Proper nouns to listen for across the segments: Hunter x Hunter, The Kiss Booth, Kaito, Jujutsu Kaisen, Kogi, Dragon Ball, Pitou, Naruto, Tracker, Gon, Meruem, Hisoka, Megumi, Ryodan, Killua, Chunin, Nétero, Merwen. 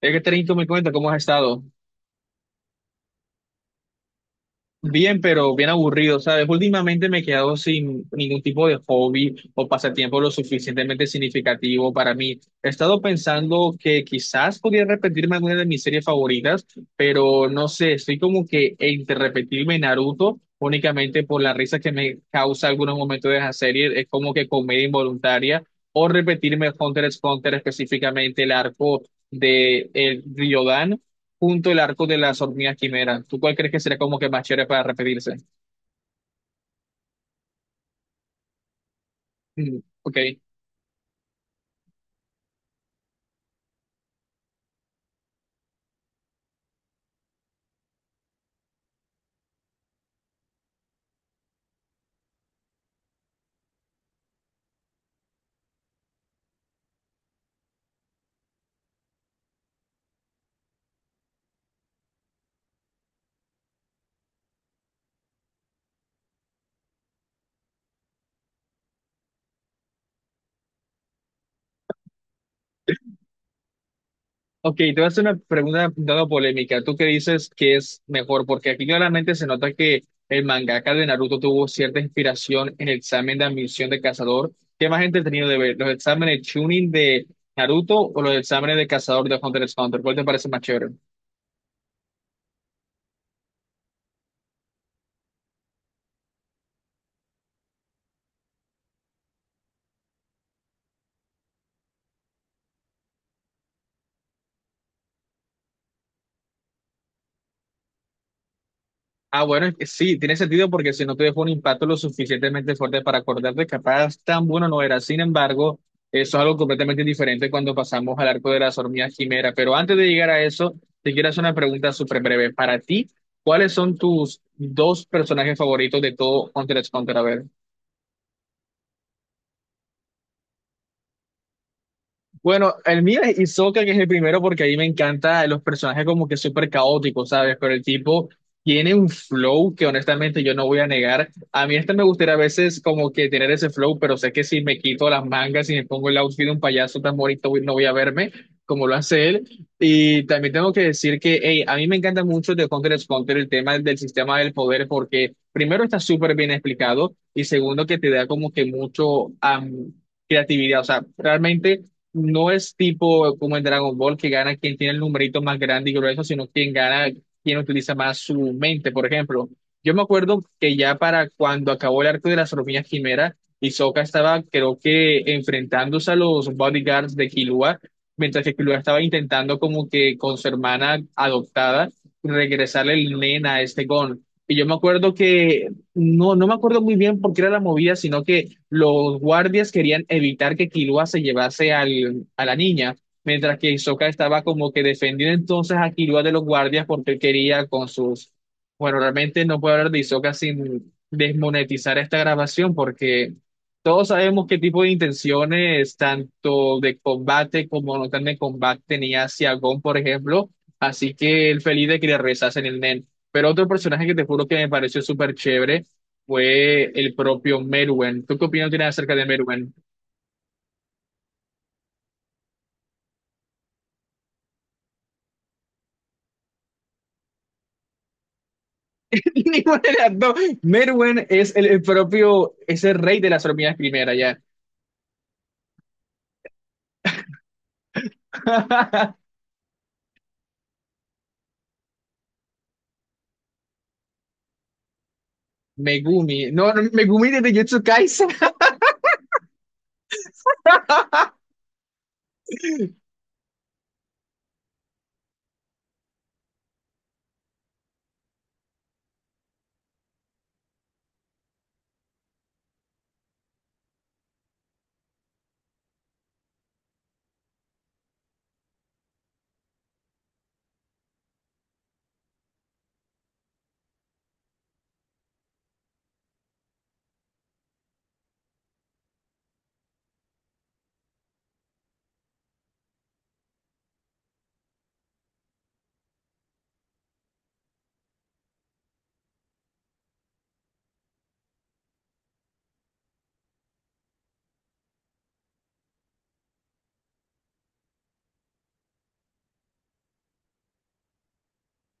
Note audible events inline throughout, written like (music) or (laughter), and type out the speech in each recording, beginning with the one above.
Es que Trento me cuenta cómo has estado. Bien, pero bien aburrido, ¿sabes? Últimamente me he quedado sin ningún tipo de hobby o pasatiempo lo suficientemente significativo para mí. He estado pensando que quizás podría repetirme alguna de mis series favoritas, pero no sé, estoy como que entre repetirme Naruto únicamente por la risa que me causa algunos momentos de esa serie, es como que comedia involuntaria, o repetirme Hunter x Hunter específicamente el arco de el Ryodan junto el arco de las hormigas quimera. ¿Tú cuál crees que sería como que más chévere para repetirse? Mm, ok. Ok, te voy a hacer una pregunta dando polémica. ¿Tú qué dices que es mejor? Porque aquí claramente se nota que el mangaka de Naruto tuvo cierta inspiración en el examen de admisión de cazador. ¿Qué más entretenido de ver? ¿Los exámenes Chunin de Naruto o los exámenes de cazador de Hunter x Hunter? ¿Cuál te parece más chévere? Ah, bueno, es que sí, tiene sentido porque si no te dejó un impacto lo suficientemente fuerte para acordarte, capaz tan bueno no era. Sin embargo, eso es algo completamente diferente cuando pasamos al arco de las hormigas quimera. Pero antes de llegar a eso, te quiero hacer una pregunta súper breve. Para ti, ¿cuáles son tus dos personajes favoritos de todo Hunter x Hunter? A ver. Bueno, el mío es Hisoka, que es el primero, porque ahí me encanta los personajes como que súper caóticos, ¿sabes? Pero el tipo tiene un flow que honestamente yo no voy a negar. A mí este me gustaría a veces como que tener ese flow, pero sé que si me quito las mangas y me pongo el outfit de un payaso tan bonito, no voy a verme como lo hace él. Y también tengo que decir que, hey, a mí me encanta mucho de Hunter x Hunter el tema del sistema del poder, porque primero está súper bien explicado y segundo que te da como que mucho... creatividad, o sea, realmente no es tipo como en Dragon Ball que gana quien tiene el numerito más grande y grueso, sino quien gana, quien utiliza más su mente, por ejemplo. Yo me acuerdo que ya para cuando acabó el arco de las hormigas quimera, Hisoka estaba, creo que, enfrentándose a los bodyguards de Killua, mientras que Killua estaba intentando como que con su hermana adoptada regresarle el nen a este Gon. Y yo me acuerdo que, no, no me acuerdo muy bien por qué era la movida, sino que los guardias querían evitar que Killua se llevase a la niña, mientras que Hisoka estaba como que defendiendo entonces a Killua de los guardias porque él quería con sus... Bueno, realmente no puedo hablar de Hisoka sin desmonetizar esta grabación porque todos sabemos qué tipo de intenciones, tanto de combate como no tan de combate, tenía hacia Gon, por ejemplo. Así que el feliz de que le rezasen el Nen. Pero otro personaje que te juro que me pareció súper chévere fue el propio Merwen. ¿Tú qué opinión tienes acerca de Merwen? (laughs) Ninguna de las dos. Merwen es el propio, es el rey de las hormigas primera ya. (laughs) Megumi. No, no, Megumi de Jujutsu Kaisen. (laughs)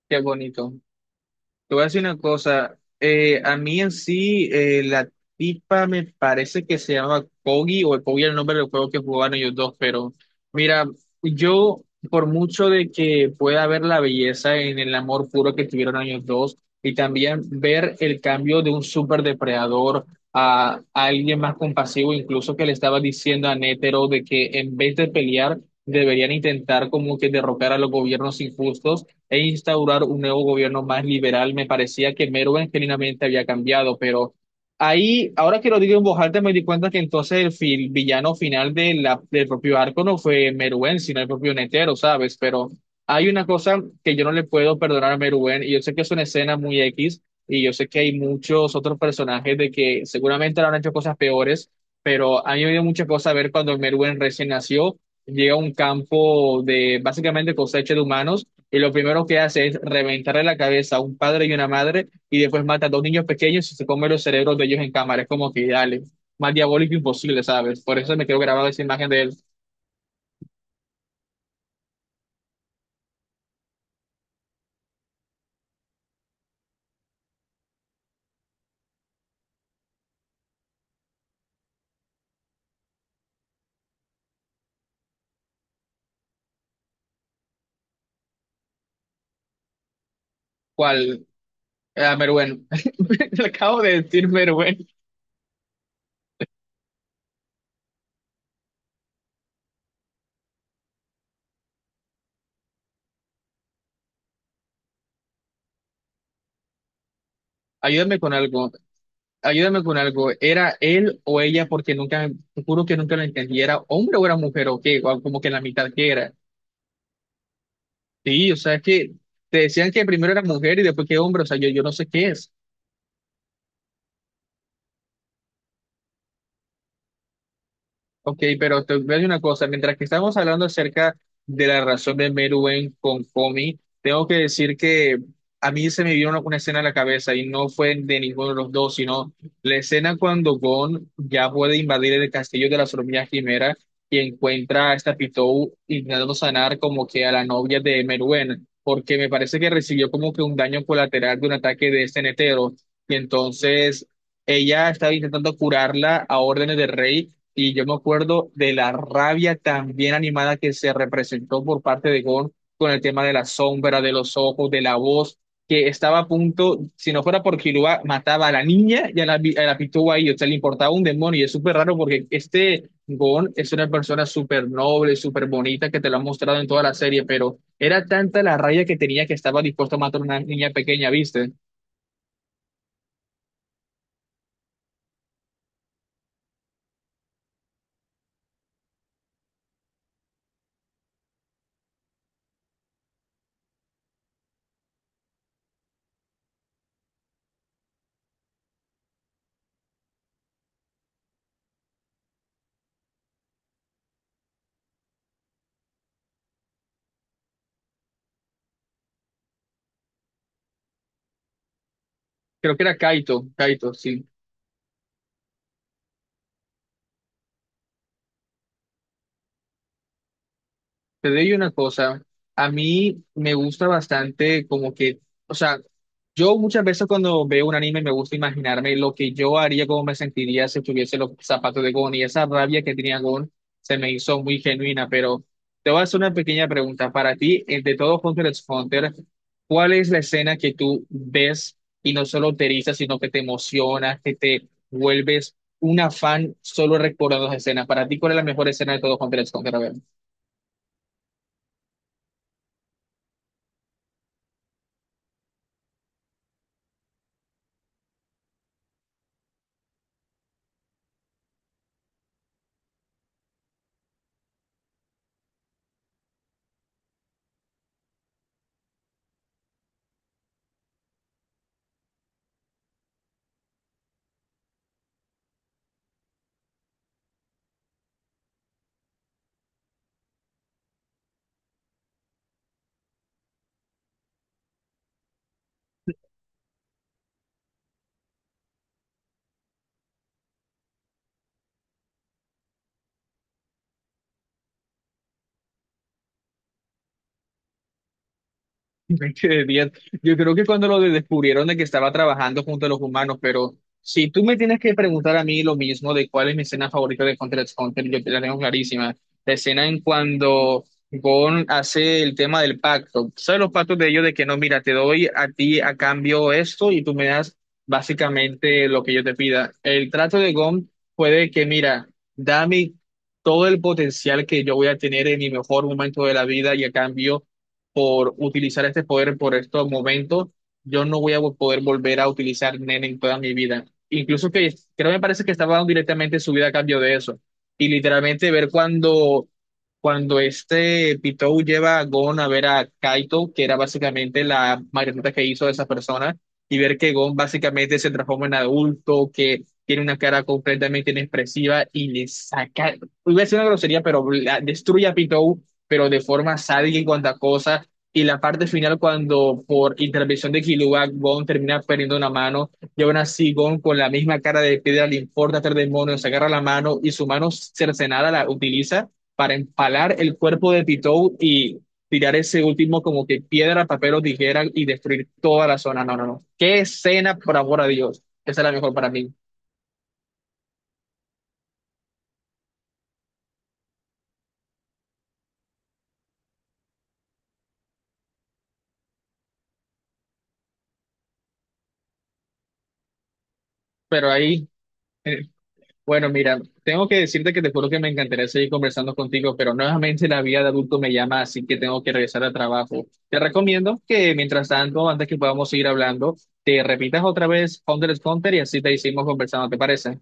Qué bonito. Te voy a decir una cosa, a mí en sí la tipa me parece que se llama Kogi o Kogi era el nombre del juego que jugaban ellos dos, pero mira, yo por mucho de que pueda ver la belleza en el amor puro que tuvieron ellos dos y también ver el cambio de un super depredador a alguien más compasivo, incluso que le estaba diciendo a Nétero de que en vez de pelear deberían intentar como que derrocar a los gobiernos injustos e instaurar un nuevo gobierno más liberal. Me parecía que Merwin genuinamente había cambiado, pero ahí, ahora que lo digo en voz alta, me di cuenta que entonces el villano final de del propio arco no fue Merwin, sino el propio Netero, ¿sabes? Pero hay una cosa que yo no le puedo perdonar a Merwin, y yo sé que es una escena muy X, y yo sé que hay muchos otros personajes de que seguramente le han hecho cosas peores, pero a mí me dio mucha cosa ver cuando Merwin recién nació. Llega a un campo de básicamente cosecha de humanos y lo primero que hace es reventarle la cabeza a un padre y una madre y después mata a dos niños pequeños y se come los cerebros de ellos en cámara. Es como que dale, más diabólico imposible, ¿sabes? Por eso me quedo grabada esa imagen de él. ¿Cuál? Ah, Meruén. (laughs) Le acabo de decir Meruén. Ayúdame con algo. Ayúdame con algo. ¿Era él o ella? Porque nunca, te juro que nunca lo entendí. ¿Era hombre o era mujer o qué? O como que la mitad que era. Sí, o sea, es que te decían que primero era mujer y después que hombre. O sea, yo no sé qué es. Ok, pero te voy a decir una cosa, mientras que estamos hablando acerca de la relación de Meruem con Komi, tengo que decir que a mí se me vino una escena a la cabeza y no fue de ninguno de los dos, sino la escena cuando Gon ya puede invadir el castillo de la hormigas Quimera y encuentra a esta Pitou intentando sanar como que a la novia de Meruem, porque me parece que recibió como que un daño colateral de un ataque de este netero, y entonces... Ella estaba intentando curarla a órdenes del rey y yo me acuerdo de la rabia tan bien animada que se representó por parte de Gon con el tema de la sombra, de los ojos, de la voz, que estaba a punto, si no fuera por Killua, mataba a la niña y a a la pitúa ahí, o sea, le importaba un demonio. Y es súper raro porque este Gon es una persona súper noble, súper bonita, que te lo han mostrado en toda la serie, pero era tanta la rabia que tenía que estaba dispuesto a matar a una niña pequeña, ¿viste? Creo que era Kaito, sí. Te digo una cosa, a mí me gusta bastante como que, o sea, yo muchas veces cuando veo un anime me gusta imaginarme lo que yo haría, cómo me sentiría si tuviese los zapatos de Gon y esa rabia que tenía Gon se me hizo muy genuina, pero te voy a hacer una pequeña pregunta. Para ti, de todo Hunter x Hunter, ¿cuál es la escena que tú ves y no solo te eriza, sino que te emociona, que te vuelves una fan solo recordando esas escenas? Para ti, ¿cuál es la mejor escena de todo Hunter x Hunter? A ver. (laughs) Me quedé bien. Yo creo que cuando lo descubrieron de que estaba trabajando junto a los humanos, pero si tú me tienes que preguntar a mí lo mismo de cuál es mi escena favorita de Hunter x Hunter, yo te la tengo clarísima. La escena en cuando Gon hace el tema del pacto. ¿Sabes los pactos de ellos de que no, mira, te doy a ti a cambio esto y tú me das básicamente lo que yo te pida? El trato de Gon fue de que, mira, dame todo el potencial que yo voy a tener en mi mejor momento de la vida y a cambio por utilizar este poder por estos momentos, yo no voy a poder volver a utilizar Nen en toda mi vida. Incluso que creo me parece que estaba dando directamente su vida a cambio de eso. Y literalmente ver cuando este Pitou lleva a Gon a ver a Kaito, que era básicamente la marioneta que hizo de esa persona, y ver que Gon básicamente se transforma en adulto, que tiene una cara completamente inexpresiva y le saca, iba a decir una grosería, pero destruye a Pitou pero de forma sádica y cuanta cosa, y la parte final cuando por intervención de Killua, Gon termina perdiendo una mano y aún así Gon con la misma cara de piedra le importa hacer demonios, agarra la mano y su mano cercenada la utiliza para empalar el cuerpo de Pitou y tirar ese último como que piedra, papel o tijera y destruir toda la zona. No, no, no. Qué escena, por amor a Dios. Esa es la mejor para mí. Pero ahí, eh, bueno, mira, tengo que decirte que te juro que me encantaría seguir conversando contigo, pero nuevamente la vida de adulto me llama, así que tengo que regresar al trabajo. Te recomiendo que mientras tanto, antes que podamos seguir hablando, te repitas otra vez Hunter x Hunter y así te hicimos conversando, ¿te parece?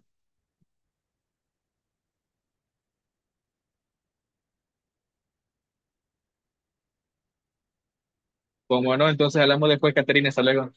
Como no, entonces hablamos después, Caterina, hasta luego.